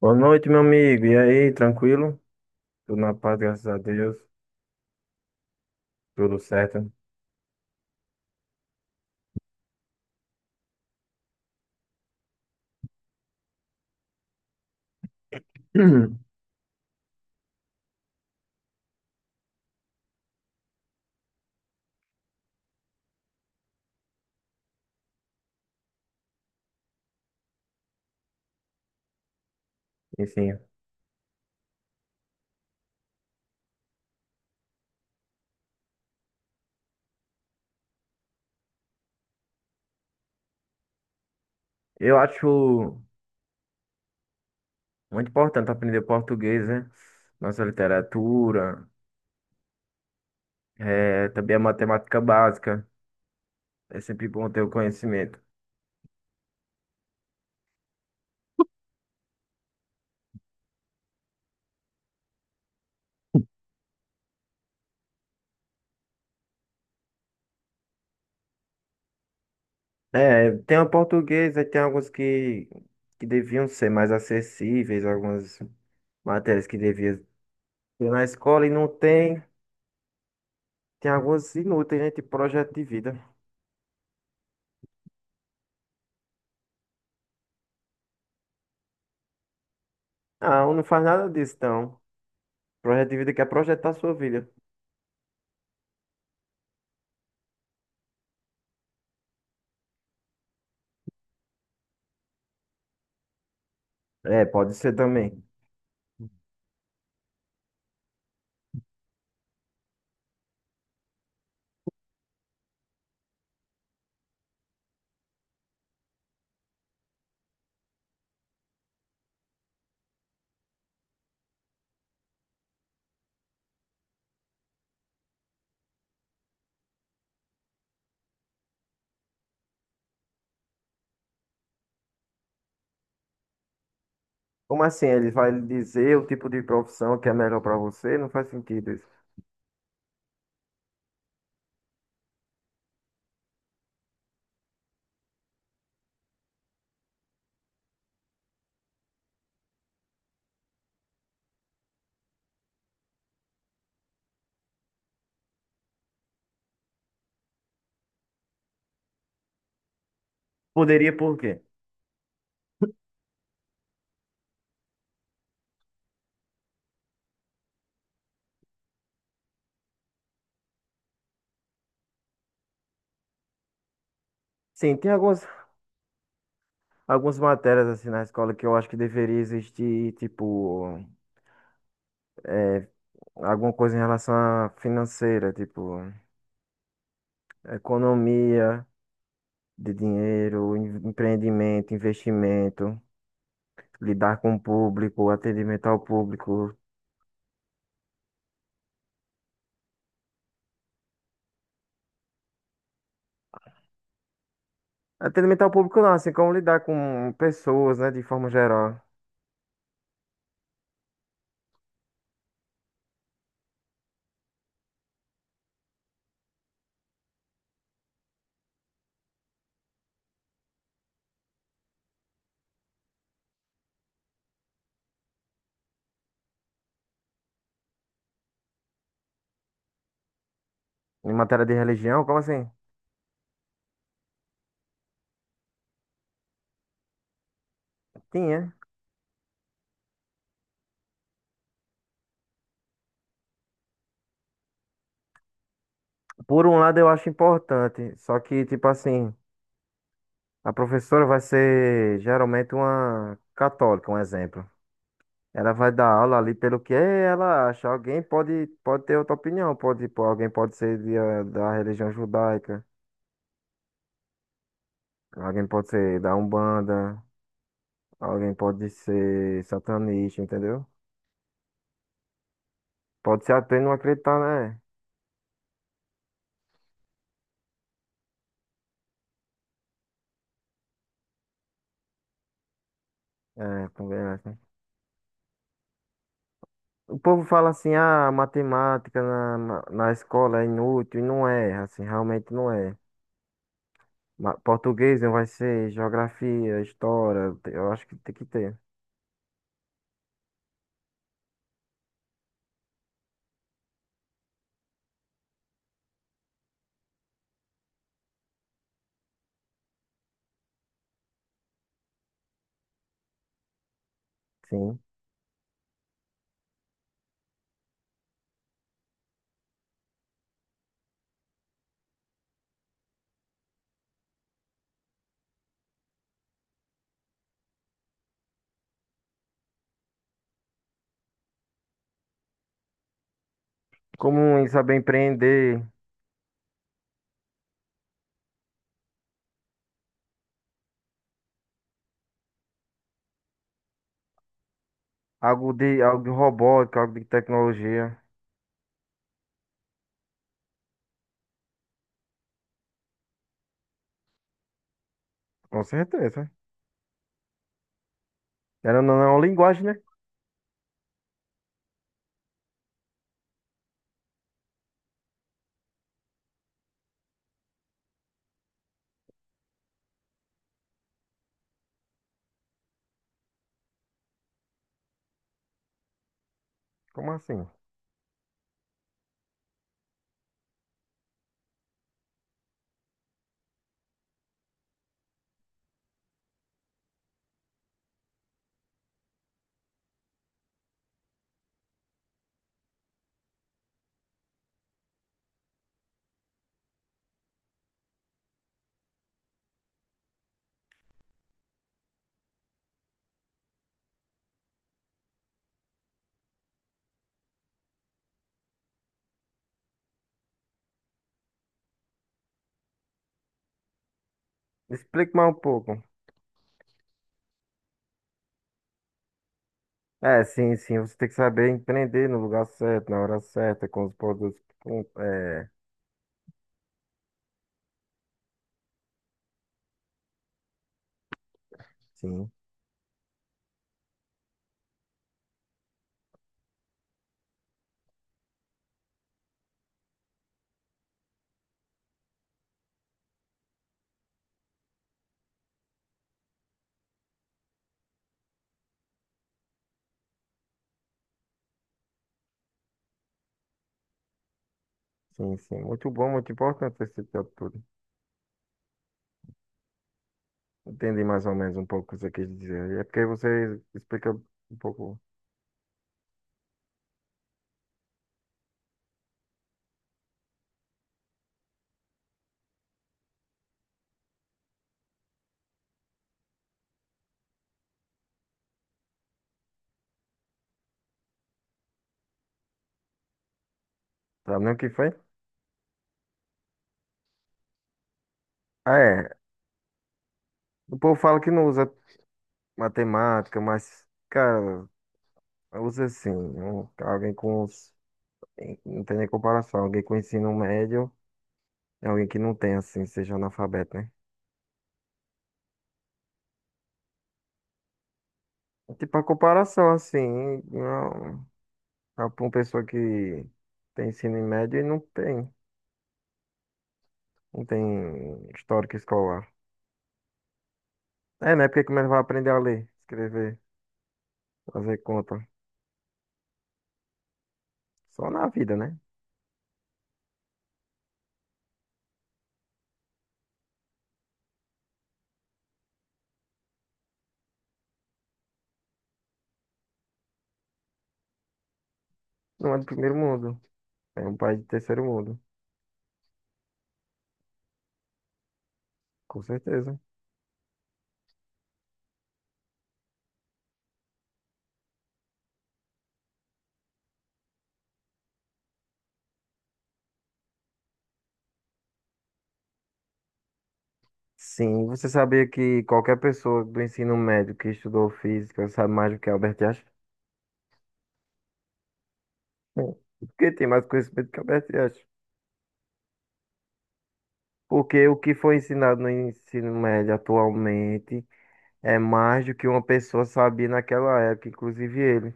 Boa noite, meu amigo. E aí, tranquilo? Tudo na paz, graças a Deus. Tudo certo. Enfim, eu acho muito importante aprender português, né? Nossa literatura, também a matemática básica. É sempre bom ter o conhecimento. É, tem o português, aí tem alguns que deviam ser mais acessíveis, algumas matérias que deviam ter na escola e não tem. Tem algumas inúteis, né? Tipo projeto de vida. Ah, um não faz nada disso, então. Projeto de vida que é projetar a sua vida. É, pode ser também. Como assim? Ele vai lhe dizer o tipo de profissão que é melhor para você? Não faz sentido isso. Poderia por quê? Sim, tem algumas, algumas matérias assim na escola que eu acho que deveria existir, tipo, alguma coisa em relação à financeira, tipo, economia de dinheiro, empreendimento, investimento, lidar com o público, atendimento ao público. Atendimento ao público não, assim como lidar com pessoas, né, de forma geral. Em matéria de religião, como assim? Tinha. Por um lado, eu acho importante, só que, tipo assim, a professora vai ser geralmente uma católica, um exemplo. Ela vai dar aula ali pelo que ela acha. Alguém pode ter outra opinião, pode, pô, alguém pode ser de, da religião judaica, alguém pode ser da Umbanda, alguém pode ser satanista, entendeu? Pode ser até não acreditar, né? É, também é. O povo fala assim, ah, matemática na escola é inútil, e não é, assim, realmente não é. Português não vai ser, geografia, história, eu acho que tem que ter, sim. Como em saber empreender, algo de robótica, algo de tecnologia, com certeza. Era não, não é uma linguagem, né? Como assim? Explica mais um pouco. É, sim, sim, você tem que saber empreender no lugar certo, na hora certa, com os produtos, com, é, sim, sim, sim. Muito bom, muito importante esse tipo de tudo. Entendi mais ou menos um pouco o que você quis dizer. É porque você explica um pouco. Sabe nem o que foi? Ah, é. O povo fala que não usa matemática, mas, cara, usa sim. Alguém com. Não tem nem comparação. Alguém com ensino médio é alguém que não tem, assim, seja analfabeto, né? Tipo, a comparação, assim, não, pra uma pessoa que tem ensino médio e não tem. Não tem histórico escolar. É, né? Porque como ele vai aprender a ler, escrever, fazer conta? Só na vida, né? Não é do primeiro mundo. É um país de terceiro mundo, com certeza. Sim, você sabia que qualquer pessoa do ensino médio que estudou física sabe mais do que Albert Einstein? Bom, porque tem mais conhecimento que Albert Einstein. Porque o que foi ensinado no ensino médio atualmente é mais do que uma pessoa sabia naquela época, inclusive ele.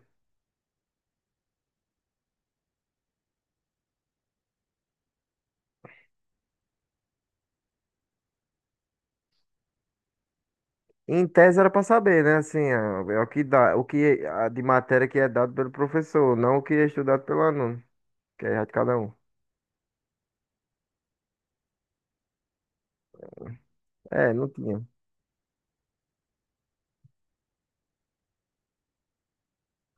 Em tese era para saber, né? Assim, ah, é o que dá, o que a de matéria que é dado pelo professor, não o que é estudado pelo aluno, que é de cada um. É, não tinha.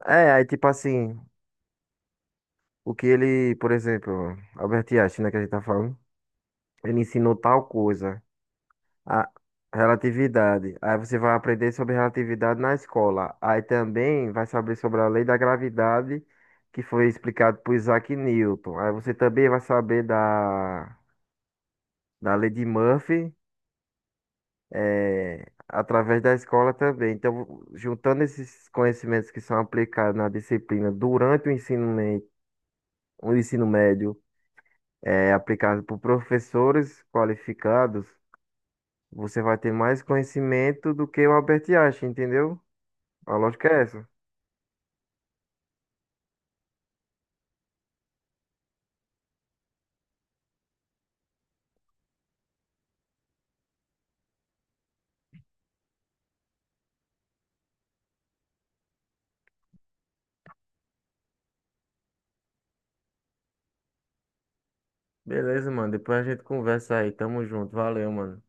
É, aí tipo assim, o que ele, por exemplo, Albert Einstein, né, que a gente tá falando, ele ensinou tal coisa, a relatividade. Aí você vai aprender sobre relatividade na escola. Aí também vai saber sobre a lei da gravidade, que foi explicado por Isaac Newton. Aí você também vai saber da lei de Murphy, é, através da escola também. Então, juntando esses conhecimentos que são aplicados na disciplina durante o ensino, o ensino médio é aplicado por professores qualificados, você vai ter mais conhecimento do que o Albert Einstein, entendeu? A lógica é essa. Beleza, mano. Depois a gente conversa aí. Tamo junto. Valeu, mano.